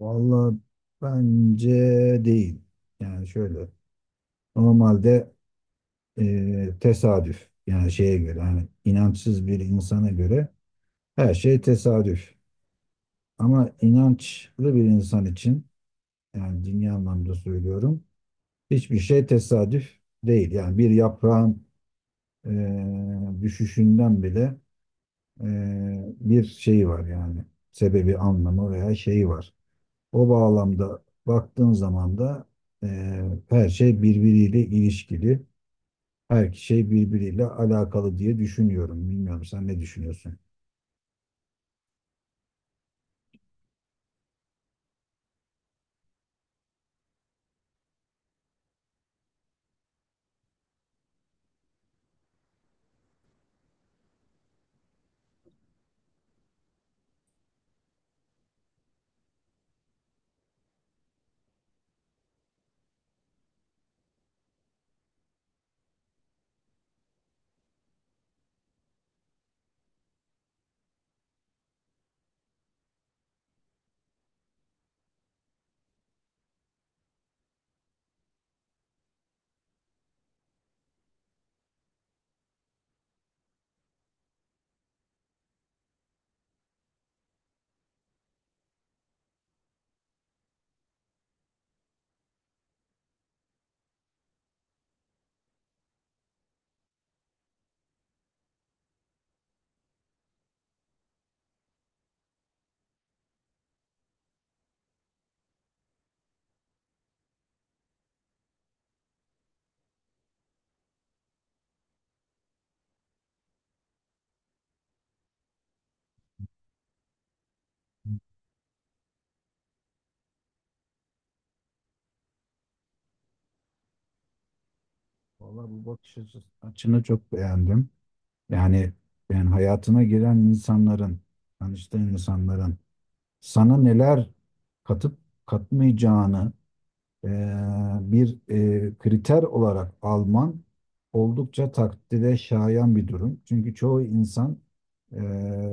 Vallahi bence değil. Yani şöyle normalde tesadüf yani şeye göre hani inançsız bir insana göre her şey tesadüf. Ama inançlı bir insan için yani dini anlamda söylüyorum hiçbir şey tesadüf değil. Yani bir yaprağın düşüşünden bile e, bir şeyi var yani sebebi anlamı veya şeyi var. O bağlamda baktığın zaman da her şey birbiriyle ilişkili. Her şey birbiriyle alakalı diye düşünüyorum. Bilmiyorum sen ne düşünüyorsun? Vallahi bu bakış açını çok beğendim. Yani yani hayatına giren insanların, tanıştığın insanların sana neler katıp katmayacağını e, bir kriter olarak alman oldukça takdire şayan bir durum. Çünkü çoğu insan e,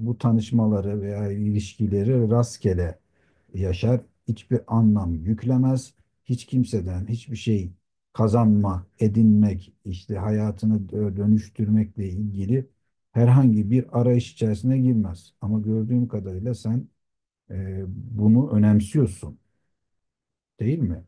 bu tanışmaları veya ilişkileri rastgele yaşar, hiçbir anlam yüklemez, hiç kimseden hiçbir şey kazanma, edinmek, işte hayatını dönüştürmekle ilgili herhangi bir arayış içerisine girmez. Ama gördüğüm kadarıyla sen bunu önemsiyorsun, değil mi?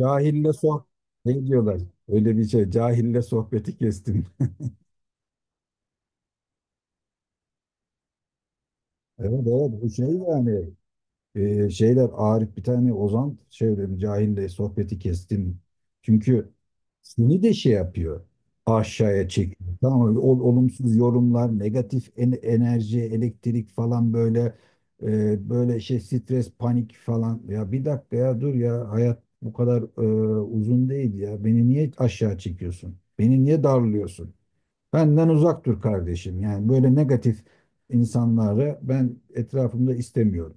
Cahille ne diyorlar? Öyle bir şey. Cahille sohbeti kestim. Evet, evet, bu şey yani şeyler Arif bir tane Ozan şey diyor, cahille sohbeti kestim. Çünkü seni de şey yapıyor. Aşağıya çekiyor. Tamam mı? Olumsuz yorumlar, negatif enerji, elektrik falan böyle böyle şey stres, panik falan. Ya bir dakika ya dur ya hayat bu kadar uzun değil ya. Beni niye aşağı çekiyorsun? Beni niye darlıyorsun? Benden uzak dur kardeşim. Yani böyle negatif insanları ben etrafımda istemiyorum.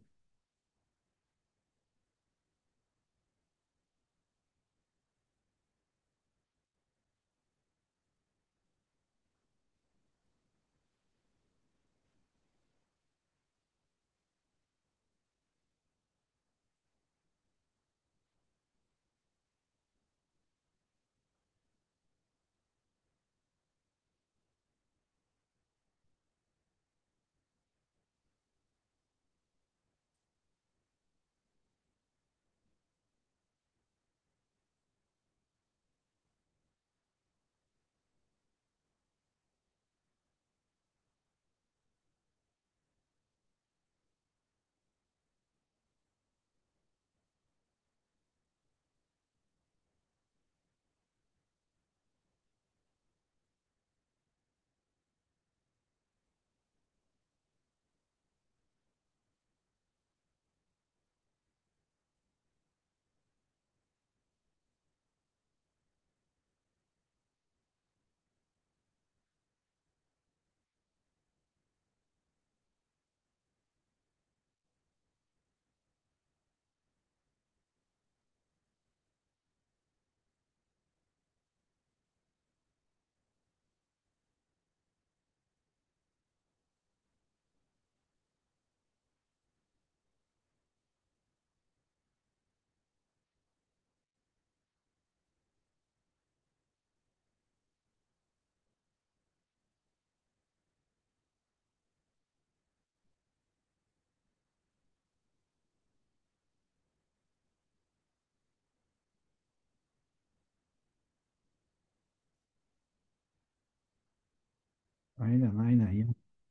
Aynen, aynen ya.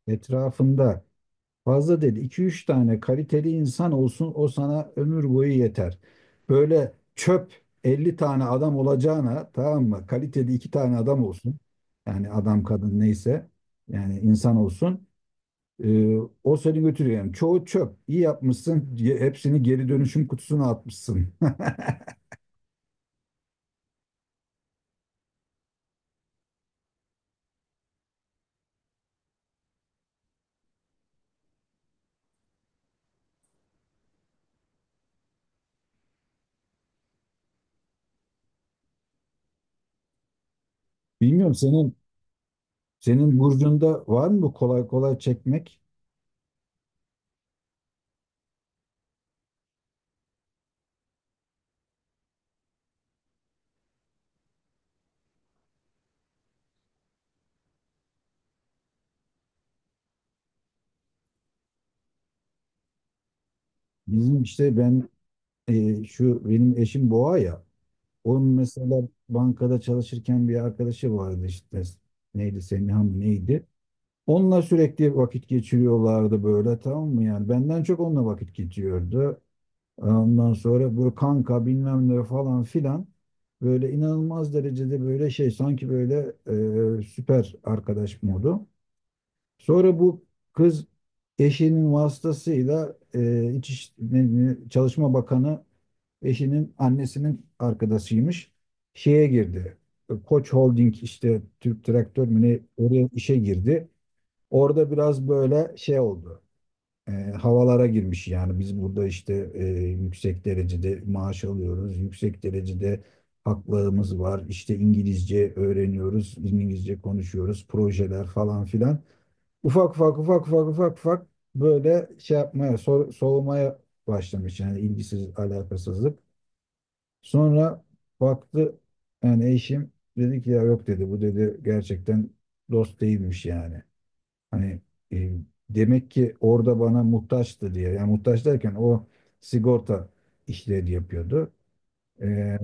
Etrafında fazla dedi. İki üç tane kaliteli insan olsun o sana ömür boyu yeter. Böyle çöp 50 tane adam olacağına tamam mı? Kaliteli 2 tane adam olsun. Yani adam kadın neyse yani insan olsun. Ee, o seni götürüyor. Yani çoğu çöp. İyi yapmışsın. Hepsini geri dönüşüm kutusuna atmışsın. Bilmiyorum senin burcunda var mı kolay kolay çekmek? Bizim işte ben şu benim eşim boğa ya. Onun mesela bankada çalışırken bir arkadaşı vardı işte. Neydi Semiha mı neydi? Onunla sürekli vakit geçiriyorlardı böyle tamam mı yani? Benden çok onunla vakit geçiyordu. Ondan sonra böyle kanka bilmem ne falan filan. Böyle inanılmaz derecede böyle şey sanki böyle süper arkadaş modu. Sonra bu kız eşinin vasıtasıyla Çalışma Bakanı eşinin annesinin arkadaşıymış. Şeye girdi. Koç Holding işte Türk Traktör mü ne oraya işe girdi. Orada biraz böyle şey oldu. Havalara girmiş yani biz burada işte yüksek derecede maaş alıyoruz. Yüksek derecede haklarımız var. İşte İngilizce öğreniyoruz. İngilizce konuşuyoruz. Projeler falan filan ufak ufak ufak ufak ufak ufak böyle şey yapmaya soğumaya başlamış yani ilgisiz alakasızlık. Sonra baktı yani eşim dedi ki ya yok dedi bu dedi gerçekten dost değilmiş yani. Hani e, demek ki orada bana muhtaçtı diye yani muhtaç derken o sigorta işleri yapıyordu. E,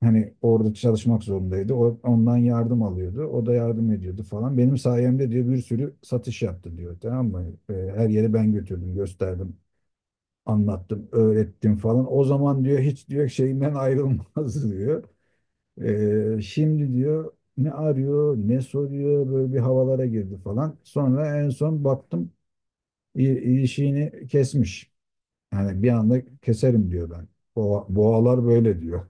hani orada çalışmak zorundaydı. O, ondan yardım alıyordu. O da yardım ediyordu falan. Benim sayemde diyor bir sürü satış yaptı diyor. Tamam mı? Her yere ben götürdüm, gösterdim, anlattım, öğrettim falan. O zaman diyor hiç diyor şeyinden ayrılmaz diyor. Şimdi diyor ne arıyor, ne soruyor böyle bir havalara girdi falan. Sonra en son baktım ilişiğini kesmiş. Yani bir anda keserim diyor ben. Boğalar böyle diyor.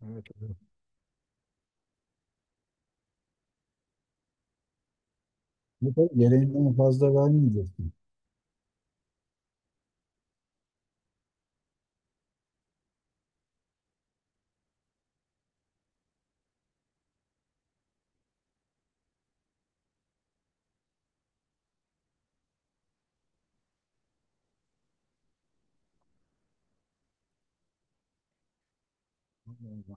Evet. Bu da gereğinden fazla vermeyeceksin. Allah Allah.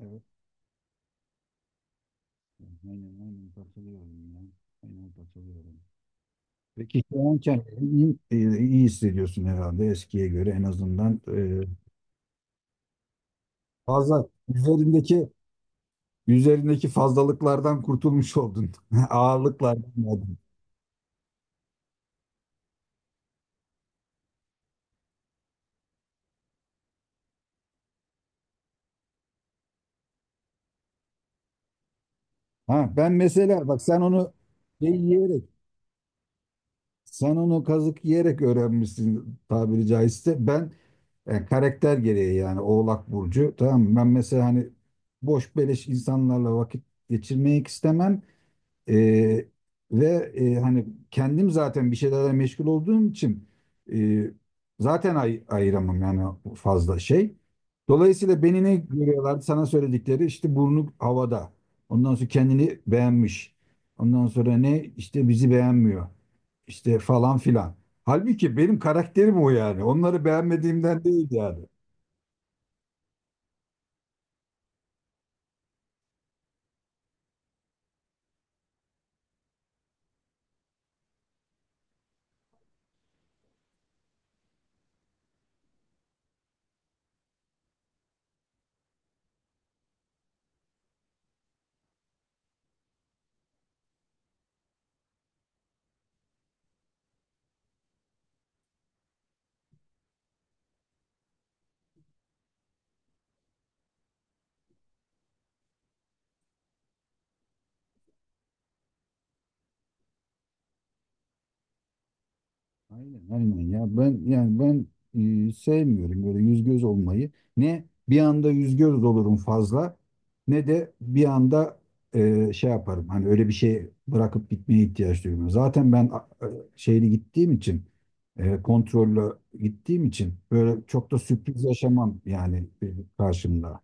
Evet. Aynen, aynen katılıyorum ya. Aynen katılıyorum. Peki şu an kendini iyi hissediyorsun herhalde eskiye göre en azından. Fazla üzerindeki üzerindeki fazlalıklardan kurtulmuş oldun. Ağırlıklardan oldun. Ha, ben mesela bak Şey yiyerek Sen onu kazık yiyerek öğrenmişsin tabiri caizse. Ben karakter gereği yani Oğlak Burcu. Tamam mı? Ben mesela hani boş beleş insanlarla vakit geçirmek istemem. Ee, ve hani kendim zaten bir şeylerle meşgul olduğum için e, zaten ayıramam yani fazla şey. Dolayısıyla beni ne görüyorlardı sana söyledikleri işte burnu havada. Ondan sonra kendini beğenmiş. Ondan sonra ne işte bizi beğenmiyor. İşte falan filan. Halbuki benim karakterim o yani. Onları beğenmediğimden değil yani. Aynen, aynen ya, ben yani ben sevmiyorum böyle yüz göz olmayı. Ne bir anda yüz göz olurum fazla ne de bir anda şey yaparım. Hani öyle bir şey bırakıp gitmeye ihtiyaç duymuyorum. Zaten ben şeyli gittiğim için e, kontrollü gittiğim için böyle çok da sürpriz yaşamam yani e, karşımda.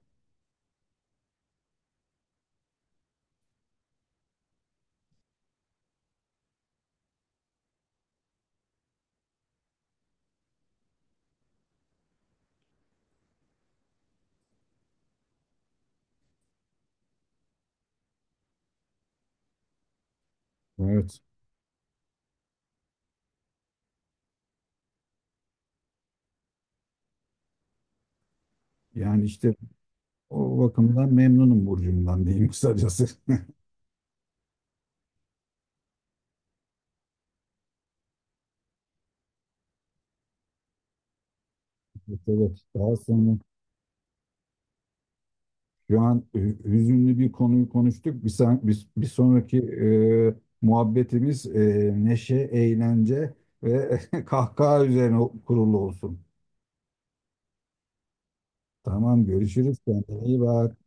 Evet. Yani işte o bakımdan memnunum burcumdan diyeyim kısacası. Evet, evet. Daha sonra Şu an hüzünlü bir konuyu konuştuk. Bir sonraki e, muhabbetimiz neşe, eğlence ve kahkaha üzerine kurulu olsun. Tamam, görüşürüz. Kendine iyi bak.